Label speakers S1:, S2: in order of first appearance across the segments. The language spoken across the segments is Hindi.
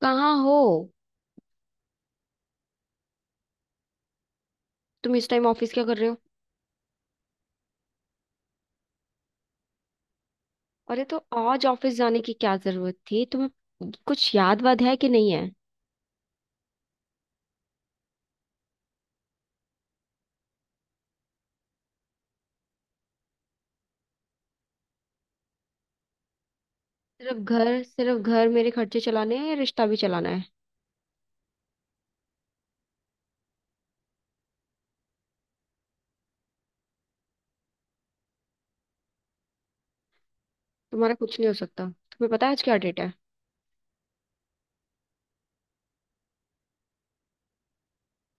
S1: कहाँ हो? तुम इस टाइम ऑफिस क्या कर रहे हो? अरे तो आज ऑफिस जाने की क्या जरूरत थी तुम्हें? कुछ याद वाद है कि नहीं है? सिर्फ घर मेरे खर्चे चलाने हैं या रिश्ता भी चलाना है? तुम्हारा कुछ नहीं हो सकता। तुम्हें पता है आज क्या डेट है?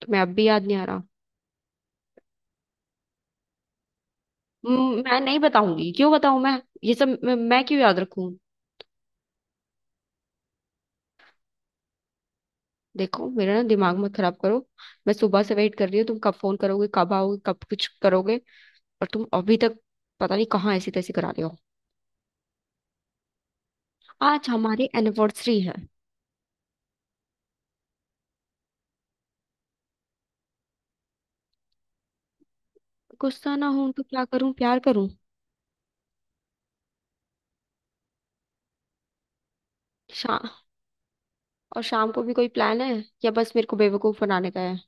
S1: तुम्हें अब भी याद नहीं आ रहा? मैं नहीं बताऊंगी, क्यों बताऊं मैं ये सब, मैं क्यों याद रखूं? देखो मेरा ना दिमाग मत खराब करो। मैं सुबह से वेट कर रही हूँ, तुम कब फोन करोगे, कब आओगे, कब कुछ करोगे। और तुम अभी तक पता नहीं कहाँ ऐसी तैसी करा रहे हो। आज हमारी एनिवर्सरी है। गुस्सा ना हूं तो क्या करूं, प्यार करूं? शा और शाम को भी कोई प्लान है या बस मेरे को बेवकूफ बनाने का है?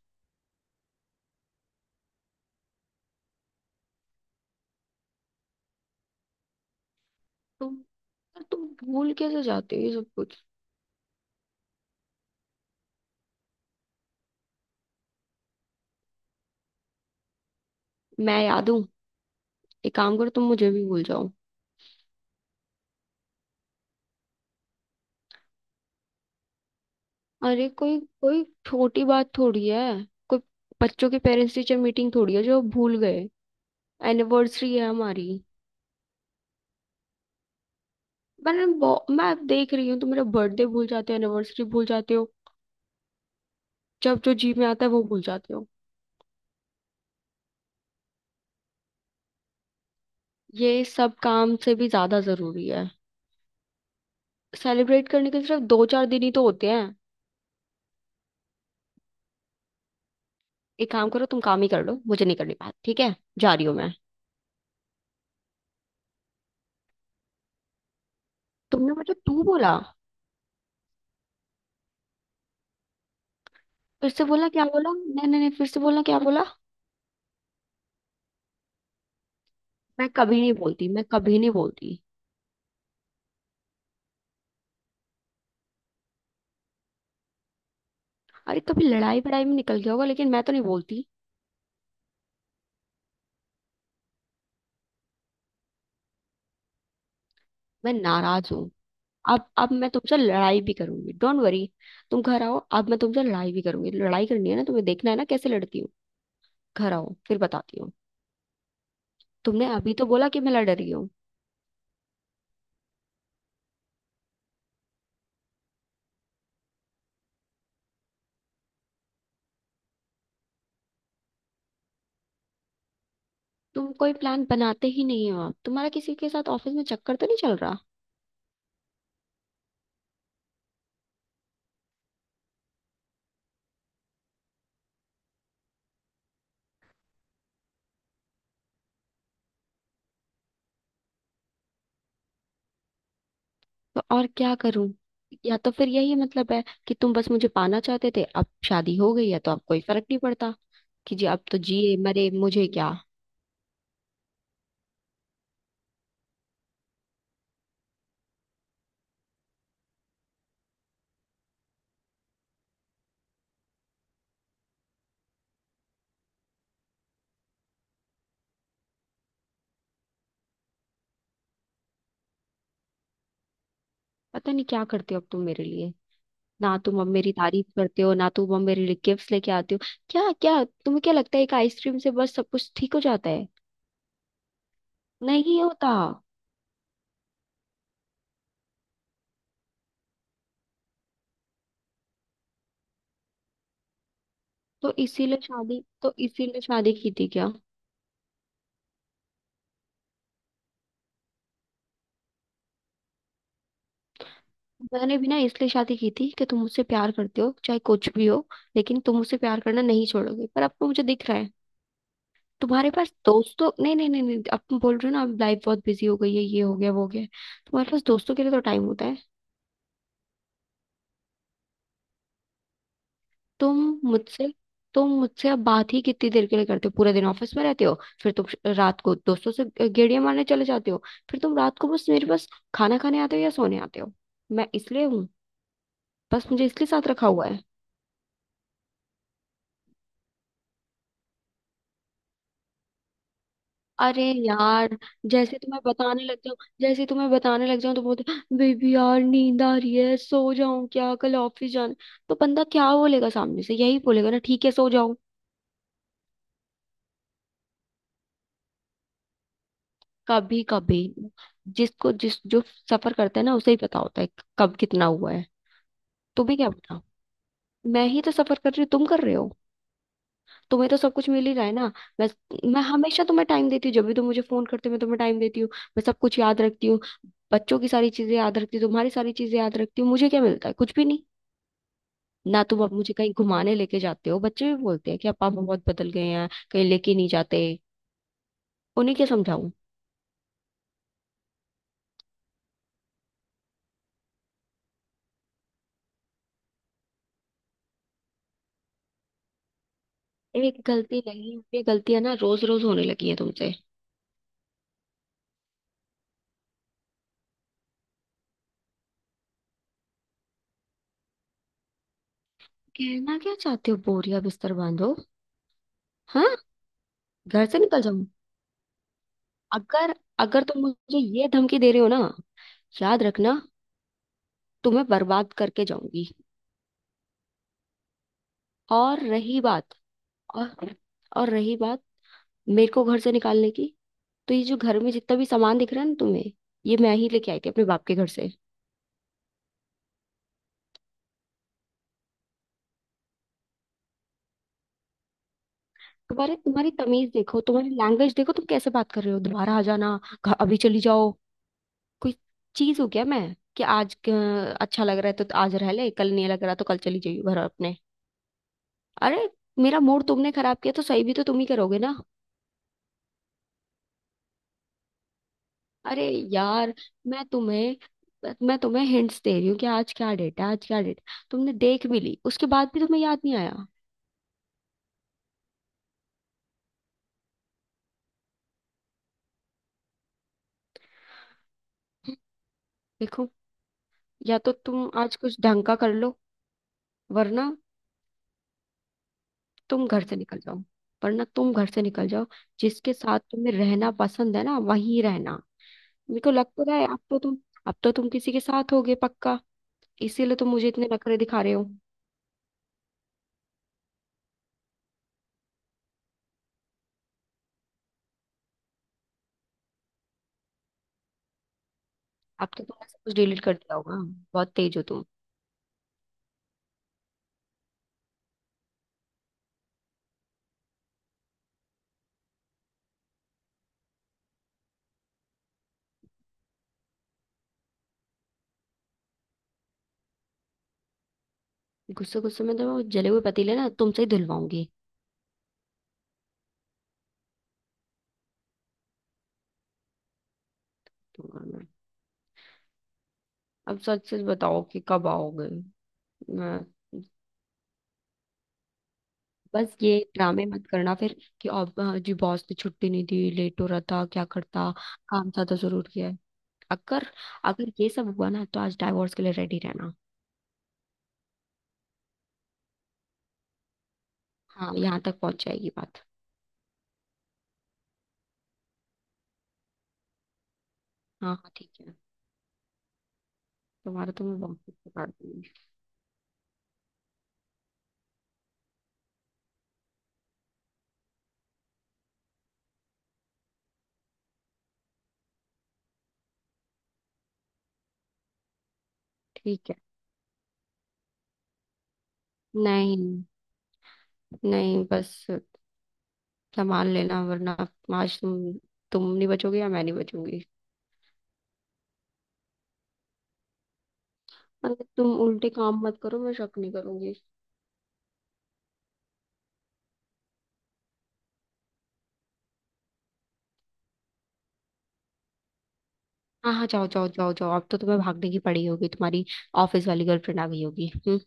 S1: तुम तुम भूल कैसे जाते हो ये सब कुछ? मैं याद हूँ? एक काम करो, तुम मुझे भी भूल जाओ। अरे कोई कोई छोटी बात थोड़ी है, कोई बच्चों की पेरेंट्स टीचर मीटिंग थोड़ी है जो भूल गए, एनिवर्सरी है हमारी। मैं अब देख रही हूँ, तुम मेरा बर्थडे भूल जाते हो, एनिवर्सरी भूल जाते हो, जब जो जी में आता है वो भूल जाते हो। ये सब काम से भी ज्यादा जरूरी है। सेलिब्रेट करने के सिर्फ दो चार दिन ही तो होते हैं। एक काम करो, तुम काम ही कर लो, मुझे नहीं करनी बात, ठीक है, जा रही हूँ मैं। तुमने मुझे तू बोला। फिर से बोला, क्या बोला? नहीं नहीं नहीं, फिर से बोला, क्या बोला? मैं कभी नहीं बोलती, मैं कभी नहीं बोलती। अरे कभी लड़ाई वड़ाई में निकल गया होगा लेकिन मैं तो नहीं बोलती। मैं नाराज हूँ। अब मैं तुमसे लड़ाई भी करूंगी, डोंट वरी। तुम घर आओ, अब मैं तुमसे लड़ाई भी करूंगी, लड़ाई करनी है ना, तुम्हें देखना है ना कैसे लड़ती हूँ। घर आओ फिर बताती हूँ। तुमने अभी तो बोला कि मैं लड़ रही हूँ। तुम कोई प्लान बनाते ही नहीं हो, तुम्हारा किसी के साथ ऑफिस में चक्कर तो नहीं चल रहा? तो और क्या करूं? या तो फिर यही मतलब है कि तुम बस मुझे पाना चाहते थे, अब शादी हो गई है तो अब कोई फर्क नहीं पड़ता, कि जी अब तो जिए मरे मुझे क्या। पता नहीं क्या करते हो अब तुम मेरे लिए, ना तुम अब मेरी तारीफ करते हो, ना तुम अब मेरे लिए गिफ्ट्स लेके आते हो। क्या क्या, तुम्हें क्या लगता है एक आइसक्रीम से बस सब कुछ ठीक हो जाता है? नहीं होता। तो इसीलिए शादी की थी क्या? मैंने भी ना इसलिए शादी की थी कि तुम मुझसे प्यार करते हो चाहे कुछ भी हो, लेकिन तुम मुझसे प्यार करना नहीं छोड़ोगे, पर अब तो मुझे दिख रहा है। तुम्हारे पास दोस्तों नहीं नहीं नहीं नहीं, अब तुम बोल रहे हो ना अब लाइफ बहुत बिजी हो गई है, ये हो गया वो हो गया, तुम्हारे पास दोस्तों के लिए तो टाइम होता है। तुम मुझसे तुम मुझसे अब बात ही कितनी देर के लिए करते हो? पूरा दिन ऑफिस में रहते हो, फिर तुम रात को दोस्तों से गेड़िया मारने चले जाते हो, फिर तुम रात को बस मेरे पास खाना खाने आते हो या सोने आते हो। मैं इसलिए हूँ, बस मुझे इसलिए साथ रखा हुआ है? अरे यार, जैसे तुम्हें बताने लग जाऊं, जैसे तुम्हें बताने लग जाऊं तो बोलते, बेबी यार नींद आ रही है, सो जाऊं क्या, कल ऑफिस जाना। तो बंदा क्या बोलेगा सामने से, यही बोलेगा ना, ठीक है सो जाओ। कभी कभी। जिसको जिस जो सफर करता है ना उसे ही पता होता है कब कितना हुआ है। तुम्हें क्या पता? मैं ही तो सफर कर रही हूँ, तुम कर रहे हो? तुम्हें तो सब कुछ मिल ही रहा है ना। मैं मैं हमेशा तुम्हें टाइम देती हूँ, जब भी तुम मुझे फोन करते हो मैं तुम्हें टाइम देती हूँ। मैं सब कुछ याद रखती हूँ, बच्चों की सारी चीजें याद रखती हूँ, तुम्हारी सारी चीजें याद रखती हूँ, मुझे क्या मिलता है, कुछ भी नहीं। ना तुम अब मुझे कहीं घुमाने लेके जाते हो, बच्चे भी बोलते हैं कि अब पापा बहुत बदल गए हैं, कहीं लेके नहीं जाते, उन्हें क्या समझाऊं? एक गलती नहीं, ये गलतियां ना रोज रोज होने लगी हैं तुमसे। कहना क्या चाहते हो, बोरिया बिस्तर बांधो? हाँ, घर से निकल जाऊं? अगर अगर तुम मुझे ये धमकी दे रहे हो ना, याद रखना, तुम्हें बर्बाद करके जाऊंगी। और रही बात, और रही बात मेरे को घर से निकालने की, तो ये जो घर में जितना भी सामान दिख रहा है ना तुम्हें, ये मैं ही लेके आई थी अपने बाप के घर से। तुम्हारे तुम्हारी तमीज देखो, तुम्हारी लैंग्वेज देखो, तुम कैसे बात कर रहे हो, दोबारा आ जाना? अभी चली जाओ। कोई चीज हो क्या मैं, कि आज अच्छा लग रहा है तो आज रह ले, कल नहीं लग रहा तो कल चली जाइयो घर अपने? अरे, मेरा मूड तुमने खराब किया तो सही भी तो तुम ही करोगे ना। अरे यार, मैं तुम्हें मैं तुम्हें हिंट्स दे रही हूँ कि आज क्या डेट है, आज क्या डेट है, तुमने देख भी ली उसके बाद भी तुम्हें याद नहीं आया। देखो, या तो तुम आज कुछ ढंग का कर लो वरना तुम घर से निकल जाओ, वरना तुम घर से निकल जाओ, जिसके साथ तुम्हें रहना पसंद है ना वहीं रहना। मेरे को लग तो रहा है, अब तो तुम किसी के साथ होगे पक्का, इसीलिए तुम मुझे इतने नखरे दिखा रहे हो। अब तो तुमने सब कुछ डिलीट कर दिया होगा, बहुत तेज हो तुम। गुस्से गुस्से में तो वो जले हुए पतीले ना तुमसे ही धुलवाऊंगी। अब सच सच बताओ कि कब आओगे? मैं, बस ये ड्रामे मत करना फिर कि अब जी बॉस ने छुट्टी नहीं दी, लेट हो रहा था क्या करता, काम था तो जरूर किया है। अगर अगर ये सब हुआ ना तो आज डाइवोर्स के लिए रेडी रहना। हाँ, यहाँ तक पहुंच जाएगी बात। हाँ हाँ ठीक है, तुम्हारा तो मैं बहुत कुछ बता दूंगी। ठीक है, नहीं, नहीं बस, संभाल लेना वरना आज तुम नहीं बचोगे या मैं नहीं बचूंगी। अगर तुम उल्टे काम मत करो मैं शक नहीं करूंगी। हाँ हाँ, जाओ जाओ जाओ जाओ, अब तो तुम्हें भागने की पड़ी होगी, तुम्हारी ऑफिस वाली गर्लफ्रेंड आ गई होगी, हम्म?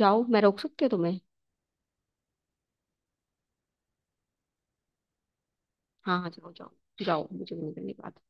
S1: जाओ, मैं रोक सकती हूँ तुम्हें? हाँ हाँ, जाओ जाओ, जाओ, मुझे नहीं करनी बात।